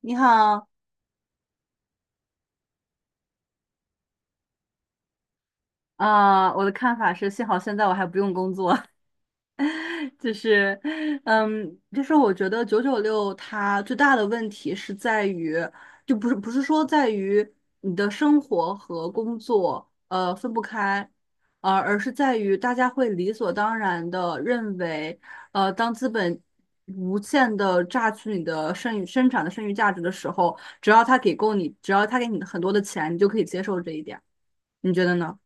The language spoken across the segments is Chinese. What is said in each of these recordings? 你好，我的看法是，幸好现在我还不用工作，就是，就是,我觉得九九六它最大的问题是在于，就不是不是说在于你的生活和工作分不开，而是在于大家会理所当然的认为，当资本无限的榨取你的剩余价值的时候，只要他给够你，只要他给你很多的钱，你就可以接受这一点，你觉得呢？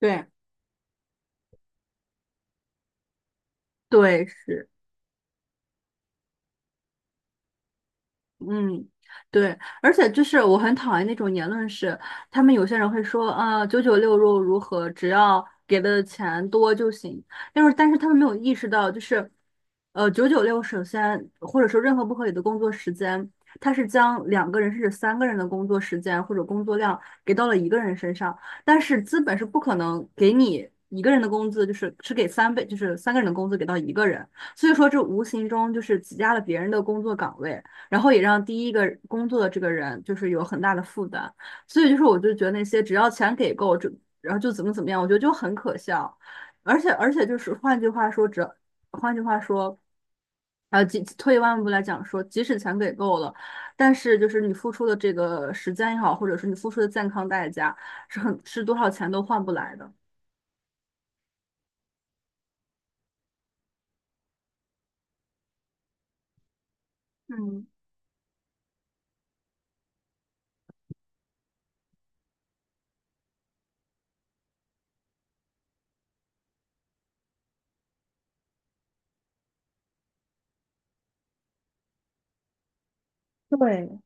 对。对，是。嗯，对，而且就是我很讨厌那种言论是，他们有些人会说，啊，九九六又如何，只要给的钱多就行。但是,他们没有意识到，就是，九九六首先或者说任何不合理的工作时间，它是将两个人甚至三个人的工作时间或者工作量给到了一个人身上，但是资本是不可能给你一个人的工资，就是只给三倍，就是三个人的工资给到一个人。所以说，这无形中就是挤压了别人的工作岗位。然后也让第一个工作的这个人就是有很大的负担，所以就是我就觉得那些只要钱给够，就然后就怎么怎么样，我觉得就很可笑，而且就是换句话说，换句话说，即退一万步来讲说，即使钱给够了，但是就是你付出的这个时间也好，或者是你付出的健康代价，是多少钱都换不来的。嗯，对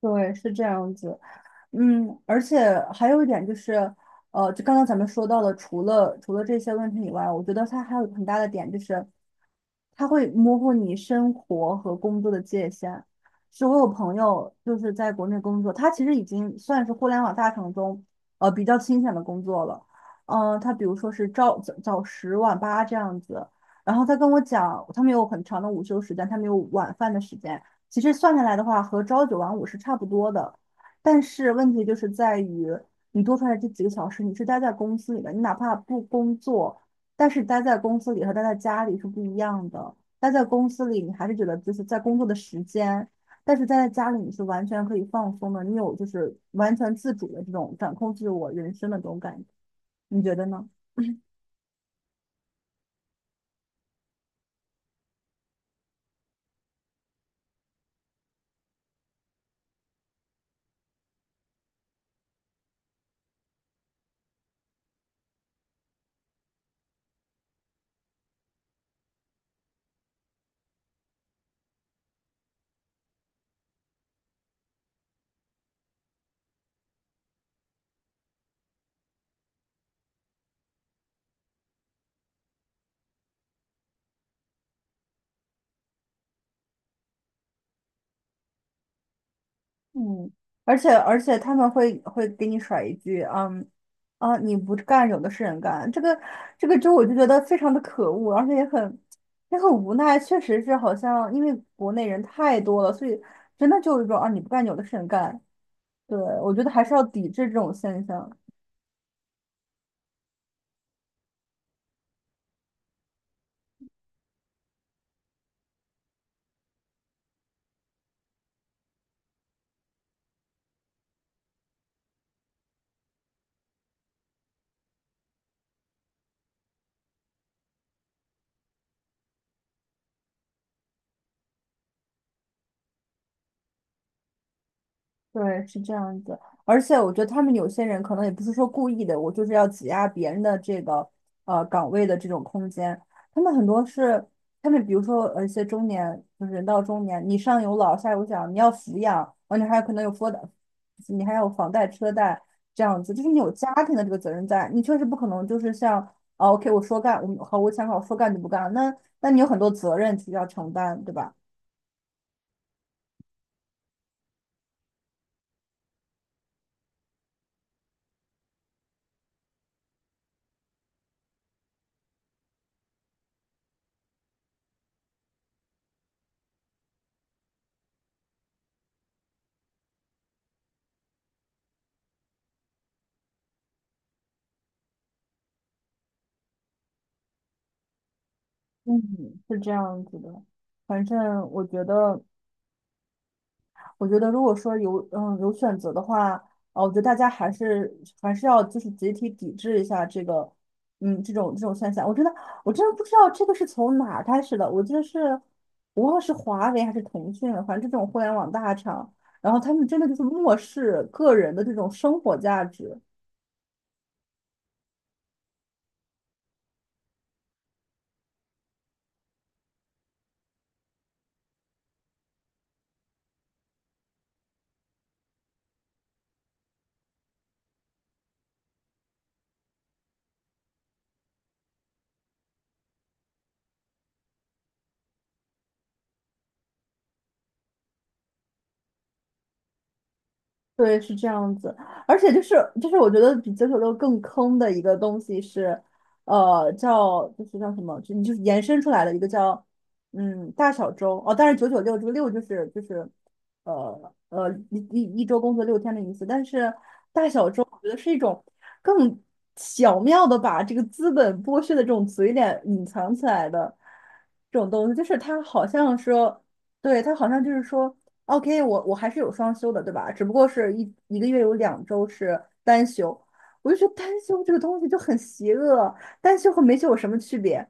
对，是这样子。嗯，而且还有一点就是，就刚刚咱们说到了，除了这些问题以外，我觉得它还有一个很大的点就是。它会模糊你生活和工作的界限。是我有朋友就是在国内工作，他其实已经算是互联网大厂中比较清闲的工作了。他比如说是朝十晚八这样子，然后他跟我讲，他们有很长的午休时间，他们有晚饭的时间。其实算下来的话，和朝九晚五是差不多的。但是问题就是在于，你多出来这几个小时，你是待在公司里的，你哪怕不工作。但是待在公司里和待在家里是不一样的。待在公司里，你还是觉得就是在工作的时间，但是待在家里，你是完全可以放松的，你有就是完全自主的这种掌控自我人生的这种感觉，你觉得呢？嗯，而且他们会给你甩一句，你不干，有的是人干，这个就我就觉得非常的可恶，而且也很无奈，确实是好像因为国内人太多了，所以真的就是说啊，你不干，有的是人干，对，我觉得还是要抵制这种现象。对，是这样子。而且我觉得他们有些人可能也不是说故意的，我就是要挤压别人的这个岗位的这种空间。他们很多是他们，比如说一些中年，就是人到中年，你上有老下有小，你要抚养，而且还有可能有房贷，你还有房贷车贷这样子，就是你有家庭的这个责任在，你确实不可能就是像啊 OK 我说干，我想好说干就不干，那那你有很多责任去要承担，对吧？嗯，是这样子的。反正我觉得，我觉得如果说有有选择的话，啊，我觉得大家还是要就是集体抵制一下这个，嗯，这种现象。我真的我真的不知道这个是从哪儿开始的。我记得是，无论是华为还是腾讯了反正这种互联网大厂，然后他们真的就是漠视个人的这种生活价值。对，是这样子，而且,我觉得比九九六更坑的一个东西是，叫就是叫什么，就你就是延伸出来的一个叫大小周哦，但是九九六这个六就是一周工作六天的意思，但是大小周我觉得是一种更巧妙的把这个资本剥削的这种嘴脸隐藏起来的这种东西，就是它好像说。对，他好像就是说，OK，我还是有双休的，对吧？只不过是一个月有两周是单休，我就觉得单休这个东西就很邪恶，单休和没休有什么区别？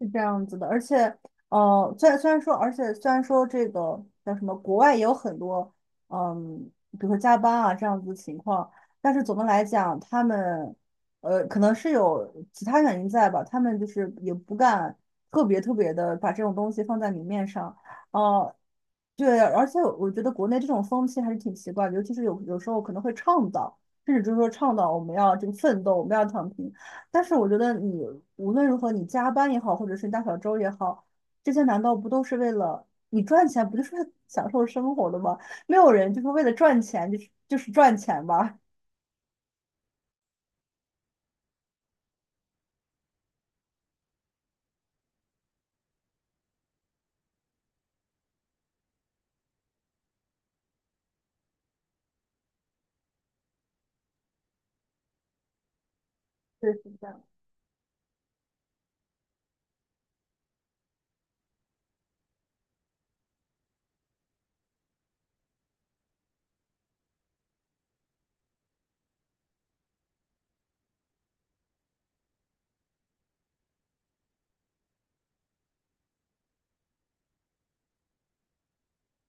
是这样子的，而且，虽然说这个叫什么，国外也有很多，嗯，比如说加班啊这样子的情况，但是总的来讲，他们，可能是有其他原因在吧，他们就是也不敢特别的把这种东西放在明面上，呃，对，而且我觉得国内这种风气还是挺奇怪的，尤其是有时候可能会倡导，甚至就是说倡导我们要这个奋斗，我们要躺平。但是我觉得你无论如何，你加班也好，或者是大小周也好，这些难道不都是为了你赚钱，不就是为了享受生活的吗？没有人就是为了赚钱，就是赚钱吧。对，是这样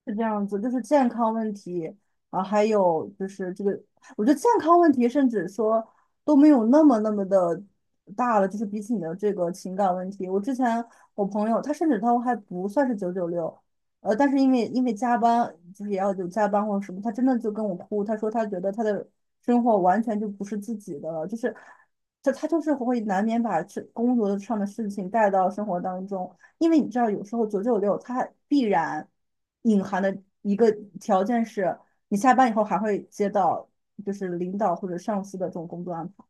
是这样子，就是健康问题，啊，还有就是这个，我觉得健康问题甚至说都没有那么的大了，就是比起你的这个情感问题，我之前我朋友他甚至他还不算是九九六，但是因为加班，就是也要有加班或者什么，他真的就跟我哭，他说他觉得他的生活完全就不是自己的了，就是他就是会难免把这工作上的事情带到生活当中。因为你知道，有时候九九六它必然隐含的一个条件是，你下班以后还会接到就是领导或者上司的这种工作安排。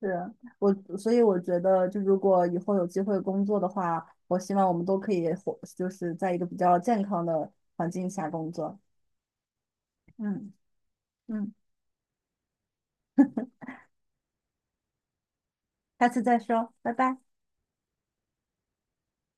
是我，所以我觉得，就如果以后有机会工作的话，我希望我们都可以活，就是在一个比较健康的环境下工作。嗯嗯，下次再说，拜拜。